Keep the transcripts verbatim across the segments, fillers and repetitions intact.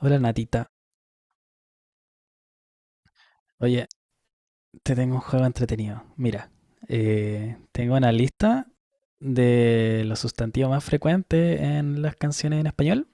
Hola Natita. Oye, te tengo un juego entretenido. Mira, eh, tengo una lista de los sustantivos más frecuentes en las canciones en español.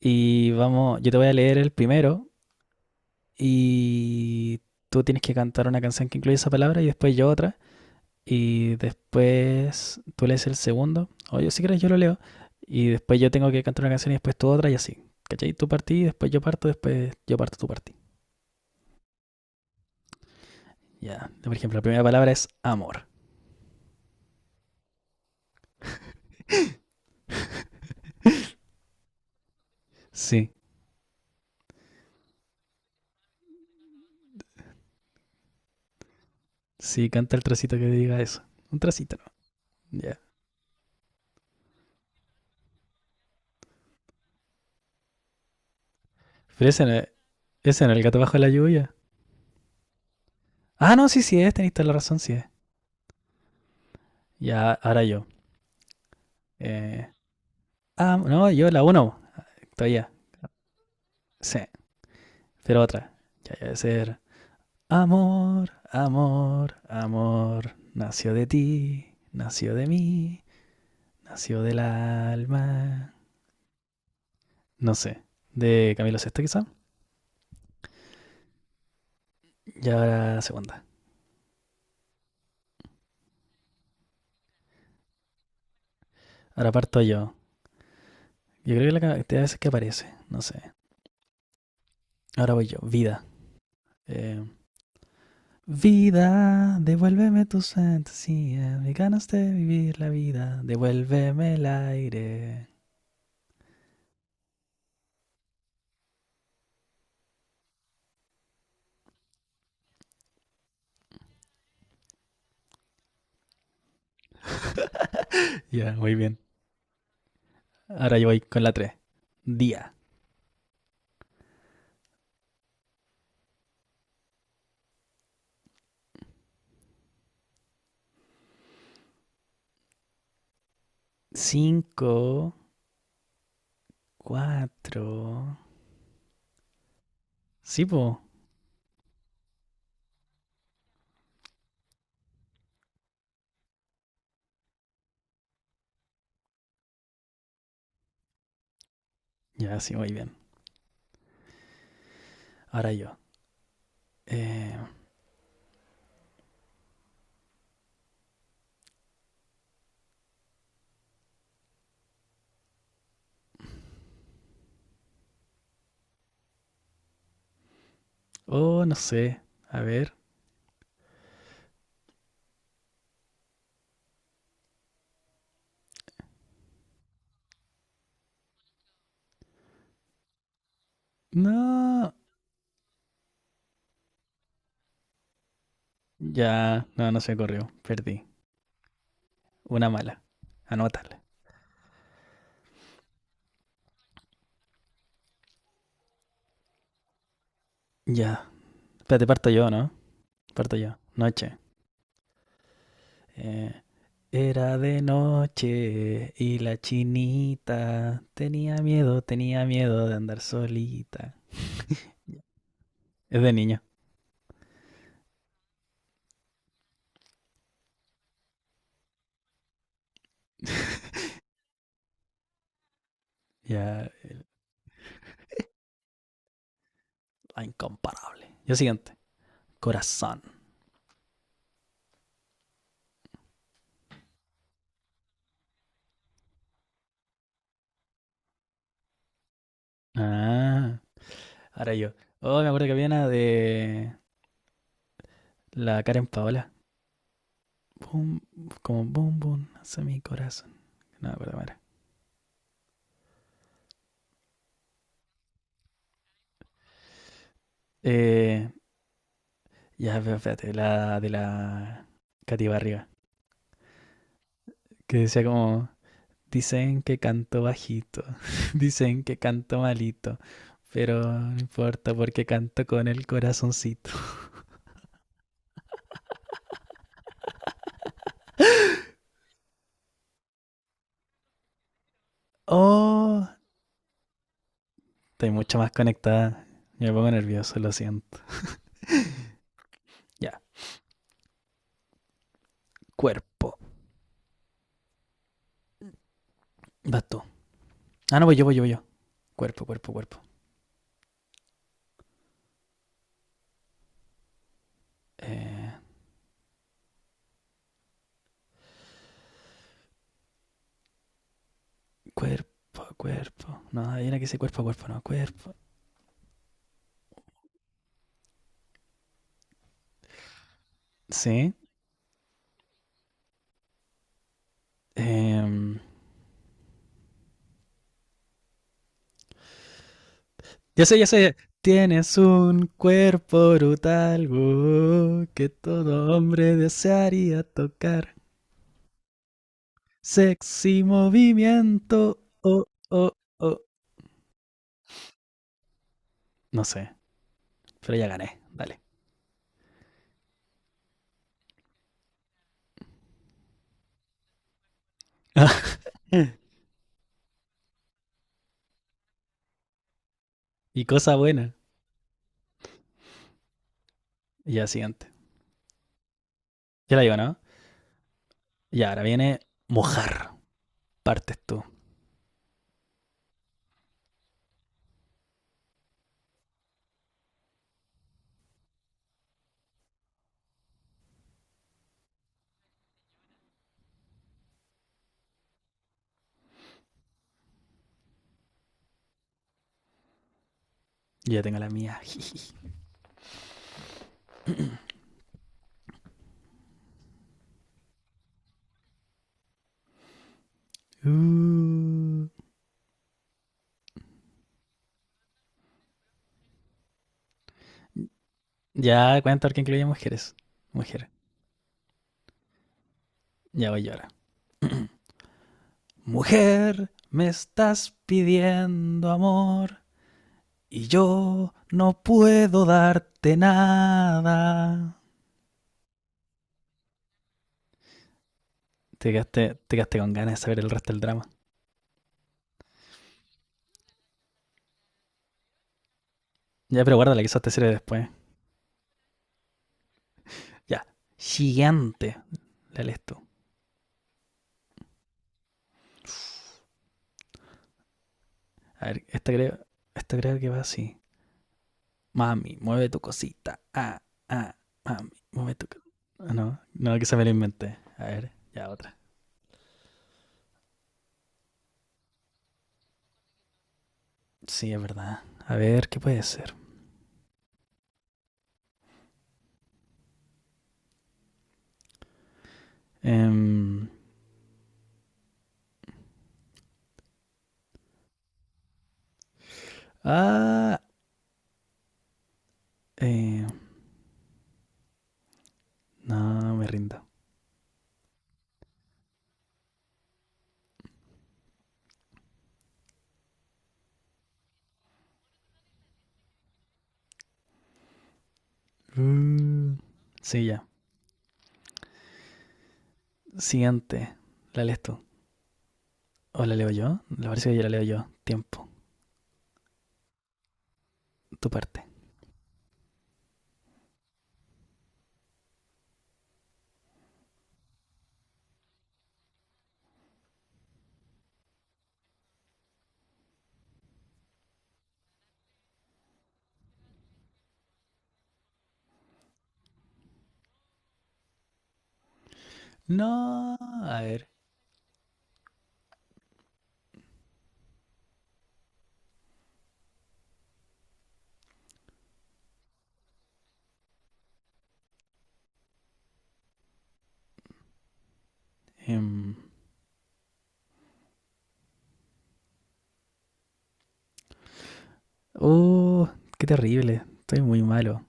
Y vamos, yo te voy a leer el primero y tú tienes que cantar una canción que incluye esa palabra y después yo otra. Y después tú lees el segundo. O yo si quieres yo lo leo. Y después yo tengo que cantar una canción y después tú otra y así. ¿Cachai? Tú partí, después yo parto, después yo parto, tú partí. Ya. Por ejemplo, la primera palabra es amor. Sí. Sí, canta el trocito que diga eso. Un trocito, ¿no? Ya. Pero ese, no es- ese en el gato bajo la lluvia. Ah, no, sí, sí es, tenéis toda la razón, sí es. Ya, ahora yo. Eh, ah, no, yo la uno, todavía. Sí, pero otra. Ya, ya, debe ser. Amor, amor, amor, nació de ti, nació de mí, nació del alma. No sé, de Camilo Sesto quizá. Y ahora la segunda. Ahora parto yo. Yo creo que la cantidad de veces que aparece, no sé. Ahora voy yo, vida. Eh, vida, devuélveme tus fantasías, me ganas de vivir la vida, devuélveme el aire. Ya, yeah, muy bien. Ahora yo voy con la tres. Día. Cinco. Cuatro. Sí, po. Ya, yeah, sí, muy bien. Ahora yo. Eh, oh, no sé. A ver. No. Ya, no, no se corrió. Perdí. Una mala. Anótala. Ya. Espérate, parto yo, ¿no? Parto yo. Noche. Eh, Era de noche y la chinita tenía miedo, tenía miedo de andar solita. Es de niño. Ya, la incomparable. Yo siguiente. Corazón. Ah, ahora yo. Oh, me acuerdo que había una de la Karen Paola. Boom, como boom, boom, hace mi corazón. No me acuerdo cómo. Eh, ya, pero espérate, la de la Katy Barriga. Que decía como, dicen que canto bajito, dicen que canto malito, pero no importa porque canto con el corazoncito. Oh, estoy mucho más conectada. Me pongo nervioso, lo siento. Ya, cuerpo. Vas tú. Ah, no, voy yo, voy yo, voy yo. Cuerpo, cuerpo, cuerpo. Eh, cuerpo, cuerpo. No, hay una que dice cuerpo a cuerpo, no, cuerpo. Sí. Em, ya sé, ya sé. Tienes un cuerpo brutal uh, que todo hombre desearía tocar. Sexy movimiento. Oh, oh, oh. No sé, pero ya gané. Dale. y cosa buena. Ya, siguiente. Ya la digo, ¿no? Y ahora viene mojar. Partes tú. Yo ya tengo la mía. Uh. Ya, cuenta que incluye mujeres. Mujer. Ya voy yo ahora. Mujer, me estás pidiendo amor. Y yo no puedo darte nada. Te quedaste, te quedaste con ganas de saber el resto del drama. Ya, pero guárdala, quizás te sirve después. Ya. Gigante. Dale esto. A ver, esta creo, esta creo que va así. Mami, mueve tu cosita. Ah, ah, mami, mueve tu cosita. Ah, no, no, que se me lo inventé. A ver, ya otra. Sí, es verdad. A ver, ¿qué puede ser? Em, ah, eh, no, me rindo. Mm, sí, ya. Siguiente. ¿La lees tú? ¿O la leo yo? Me parece que ya la leo yo. Tiempo. Tu parte. No. A ver. em, Oh, qué terrible. Estoy muy malo.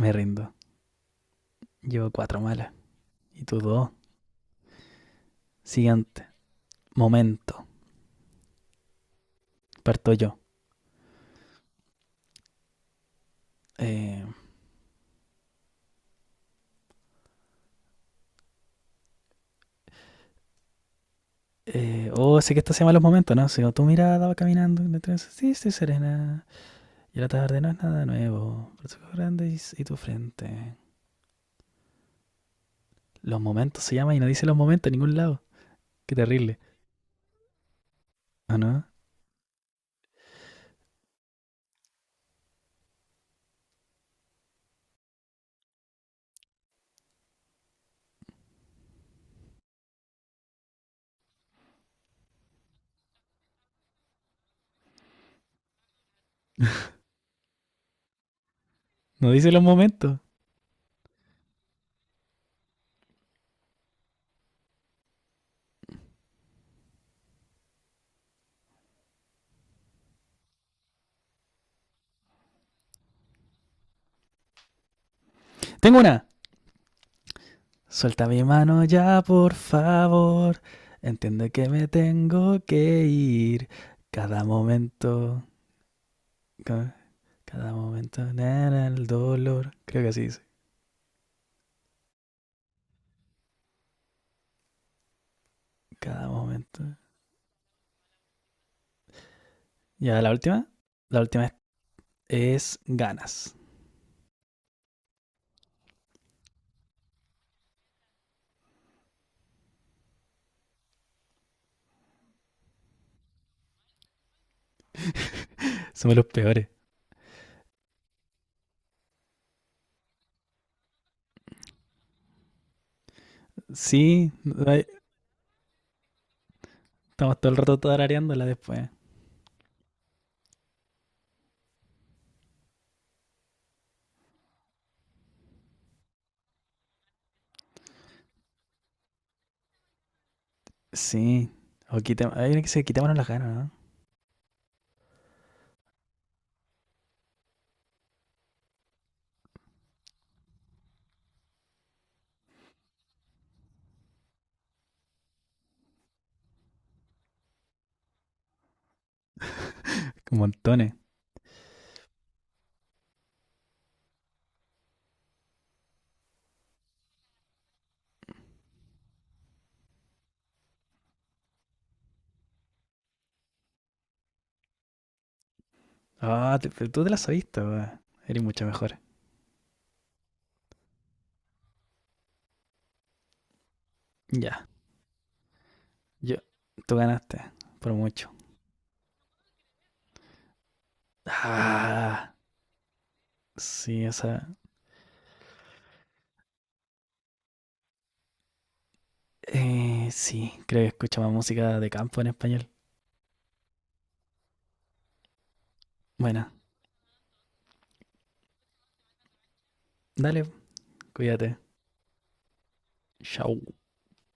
Me rindo. Llevo cuatro malas. Y tú dos. Siguiente. Momento. Parto yo. Eh, eh, oh, sé que esto se llama los momentos, ¿no? Si tu mirada va caminando en el sí, estoy serena. Y la tarde no es nada nuevo. Pero tus ojos grandes y, y tu frente. Los momentos se llama y no dice los momentos en ningún lado. Qué terrible. ¿O no? No dice los momentos. Tengo una. Suelta mi mano ya, por favor. Entiende que me tengo que ir. Cada momento, cada momento, nana, el dolor. Creo que así dice. Cada momento. Ya, la última. La última es, es ganas. Somos los peores. Sí, estamos todo el rato tarareándola después. Sí. O quitemos, hay una que se quitémonos las ganas, ¿no? Montones. Ah, te- pero tú te las sabiste, weón. Eres mucho mejor. Ya. Yo, tú ganaste, por mucho. Ah, sí, esa. Eh, sí, creo que escucha más música de campo en español. Bueno, dale, cuídate. Chau.